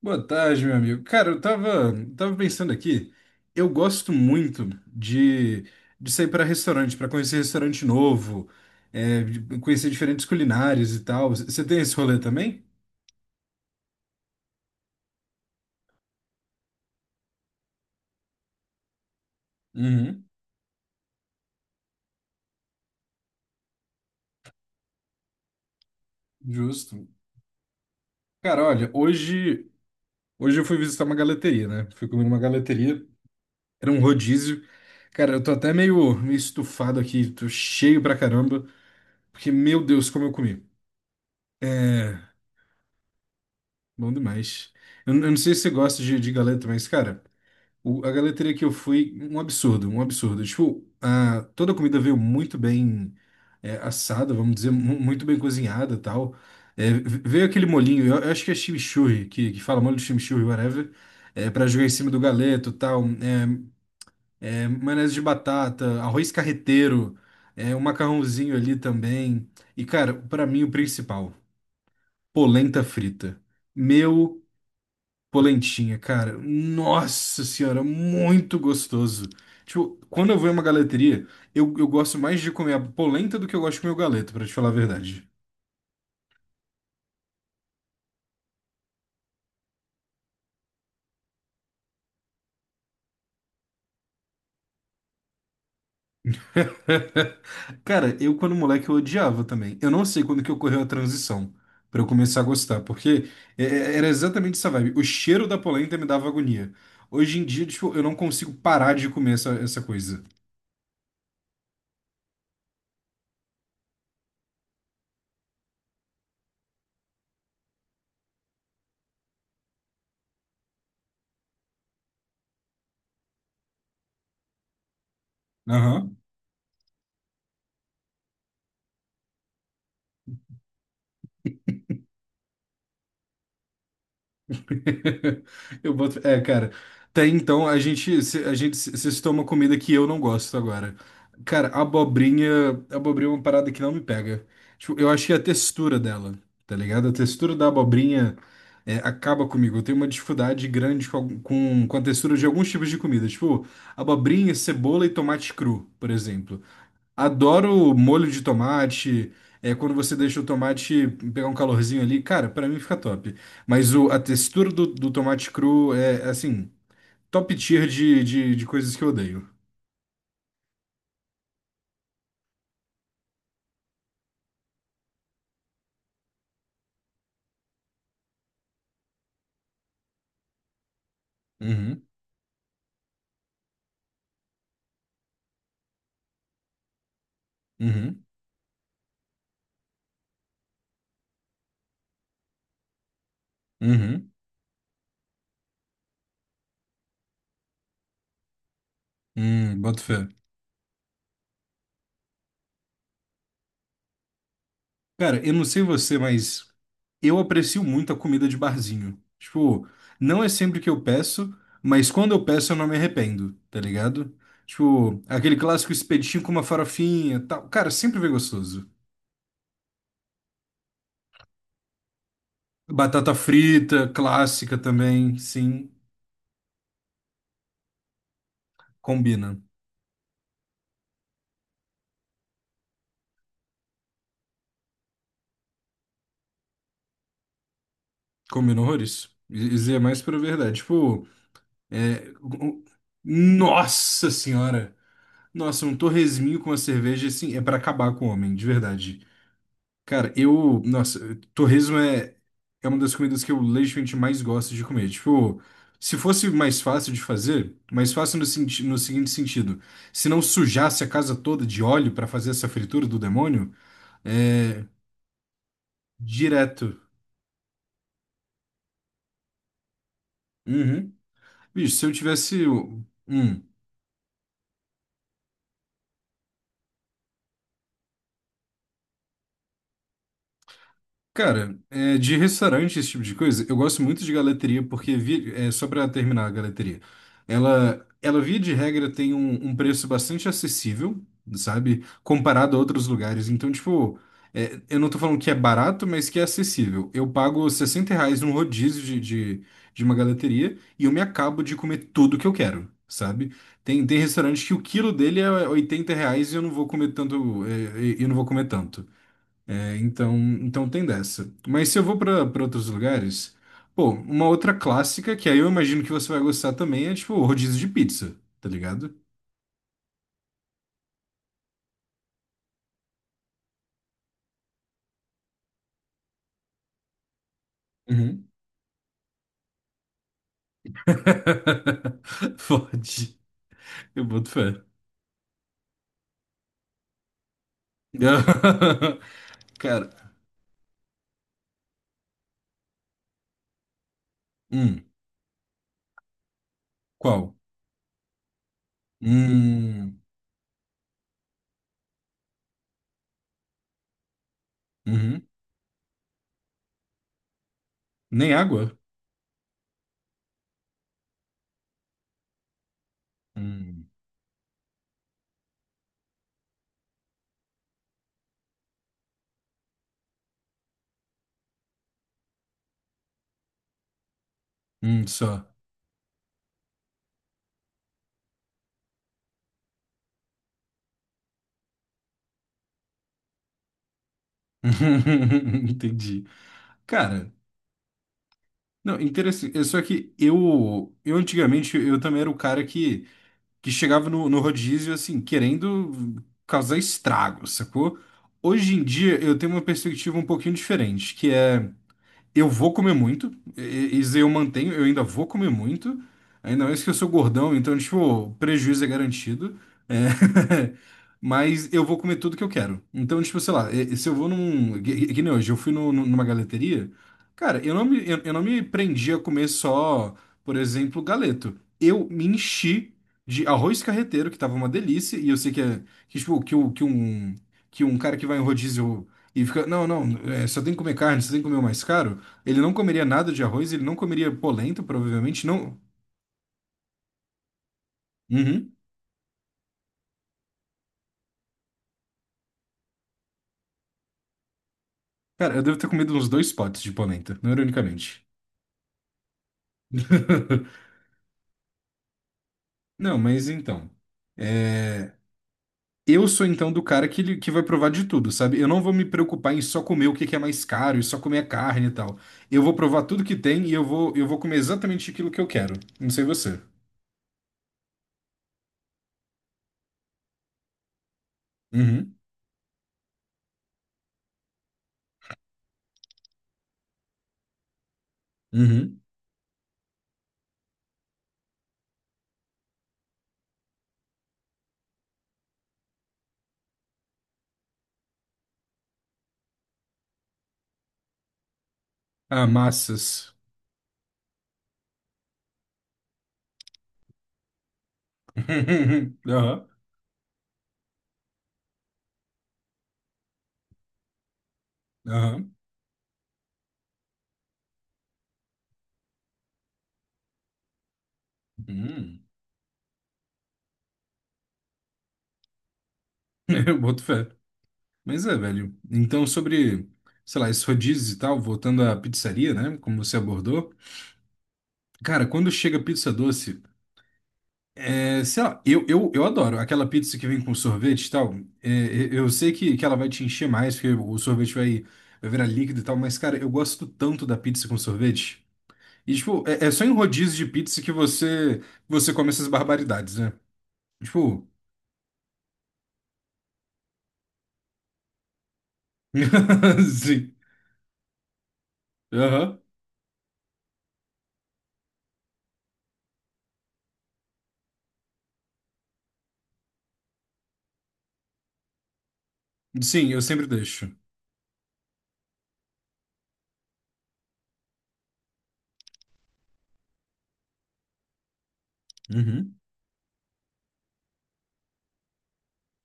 Boa tarde, meu amigo. Cara, eu tava pensando aqui, eu gosto muito de sair para restaurante, para conhecer restaurante novo, de conhecer diferentes culinárias e tal. Você tem esse rolê também? Uhum, justo. Cara, olha, hoje eu fui visitar uma galeteria, né? Fui comer numa galeteria, era um rodízio. Cara, eu tô até meio estufado aqui, tô cheio pra caramba, porque, meu Deus, como eu comi. É, bom demais. Eu não sei se você gosta de galeta, mas, cara. A galeteria que eu fui, um absurdo, um absurdo. Tipo, a, toda a comida veio muito bem, assada, vamos dizer, muito bem cozinhada e tal. É, veio aquele molhinho, eu acho que é chimichurri, que fala molho de chimichurri, whatever, para jogar em cima do galeto e tal. Maionese de batata, arroz carreteiro, um macarrãozinho ali também. E, cara, pra mim o principal, polenta frita. Meu. Polentinha, cara. Nossa senhora, muito gostoso. Tipo, quando eu vou em uma galeteria, eu gosto mais de comer a polenta do que eu gosto de comer o galeto, pra te falar a verdade. Cara, eu quando moleque eu odiava também. Eu não sei quando que ocorreu a transição pra eu começar a gostar, porque era exatamente essa vibe. O cheiro da polenta me dava agonia. Hoje em dia, tipo, eu não consigo parar de comer essa coisa. Aham. Eu boto. É, cara. Tem então, a gente, cê citou uma comida que eu não gosto agora. Cara, abobrinha é uma parada que não me pega. Tipo, eu achei a textura dela, tá ligado? A textura da abobrinha acaba comigo. Eu tenho uma dificuldade grande com, com a textura de alguns tipos de comida. Tipo, abobrinha, cebola e tomate cru, por exemplo. Adoro molho de tomate. É quando você deixa o tomate pegar um calorzinho ali. Cara, pra mim fica top. Mas o, a textura do tomate cru é, assim, top tier de coisas que eu odeio. Uhum, uhum, uhum. Boto fé. Cara, eu não sei você, mas eu aprecio muito a comida de barzinho. Tipo, não é sempre que eu peço, mas quando eu peço eu não me arrependo, tá ligado? Tipo, aquele clássico espetinho com uma farofinha, tal. Cara, sempre vem gostoso. Batata frita, clássica também, sim, combina. Combina horrores. Isso é mais pra verdade. Tipo, é, o- nossa senhora! Nossa, um torresminho com a cerveja, assim, é pra acabar com o homem, de verdade. Cara, eu. Nossa, torresmo é uma das comidas que eu legitimamente mais gosto de comer. Tipo, se fosse mais fácil de fazer, mais fácil no, no seguinte sentido: se não sujasse a casa toda de óleo pra fazer essa fritura do demônio, é. Direto. Uhum. Bicho, se eu tivesse. Hum. Cara, é, de restaurante, esse tipo de coisa, eu gosto muito de galeteria, porque, vi, é, só pra terminar a galeteria, ela via de regra tem um, um preço bastante acessível, sabe? Comparado a outros lugares. Então, tipo, é, eu não tô falando que é barato, mas que é acessível. Eu pago R$ 60 num rodízio de uma galeteria e eu me acabo de comer tudo que eu quero. Sabe? Tem restaurante que o quilo dele é R$ 80 e eu não vou comer tanto, e eu não vou comer tanto. É, então, então tem dessa. Mas se eu vou pra outros lugares, pô, uma outra clássica, que aí eu imagino que você vai gostar também, é tipo o rodízio de pizza, tá ligado? Uhum. Pode. Eu boto fé. Cara, hum, qual? Hum, uhum. Nem água? Hum, só. Entendi. Cara, não, interessante. É só que eu antigamente, eu também era o cara que chegava no rodízio, assim, querendo causar estrago, sacou? Hoje em dia eu tenho uma perspectiva um pouquinho diferente, que é eu vou comer muito, isso aí eu mantenho, eu ainda vou comer muito, ainda mais que eu sou gordão, então, tipo, o prejuízo é garantido, é. Mas eu vou comer tudo que eu quero. Então, tipo, sei lá, se eu vou num. Que, nem hoje, eu fui numa galeteria, cara, eu não me prendi a comer só, por exemplo, galeto. Eu me enchi de arroz carreteiro, que tava uma delícia, e eu sei que é. Que, tipo, que, que um, cara que vai em rodízio. E fica, não, não, é, só tem que comer carne, só tem que comer o mais caro. Ele não comeria nada de arroz, ele não comeria polenta, provavelmente, não. Uhum. Cara, eu devo ter comido uns dois potes de polenta, não ironicamente. Não, mas então, é, eu sou então do cara que, que vai provar de tudo, sabe? Eu não vou me preocupar em só comer o que que é mais caro e só comer a carne e tal. Eu vou provar tudo que tem e eu vou comer exatamente aquilo que eu quero. Não sei você. Uhum. Uhum. Ah, massas. Aham. Aham. Hum. Eu boto fé. Mas é, velho. Então, sobre, sei lá, esses rodízios e tal, voltando à pizzaria, né? Como você abordou. Cara, quando chega pizza doce, é, sei lá, eu adoro aquela pizza que vem com sorvete e tal. Eu sei que ela vai te encher mais, porque o sorvete vai, vai virar líquido e tal, mas, cara, eu gosto tanto da pizza com sorvete. E, tipo, é só em rodízio de pizza que você come essas barbaridades, né? Tipo. Sim. Aham. Sim, eu sempre deixo. Uhum.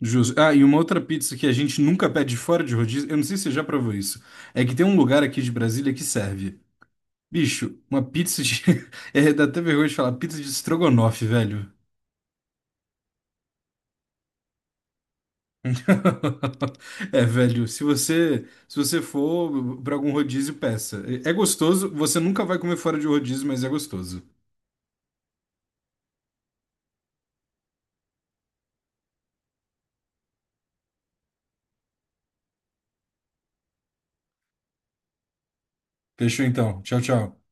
Justo. Ah, e uma outra pizza que a gente nunca pede fora de rodízio, eu não sei se você já provou isso, é que tem um lugar aqui de Brasília que serve. Bicho, uma pizza de. É, dá até vergonha de falar, pizza de estrogonofe, velho. É, velho, se você for pra algum rodízio, peça. É gostoso, você nunca vai comer fora de rodízio, mas é gostoso. Fechou então. Tchau, tchau.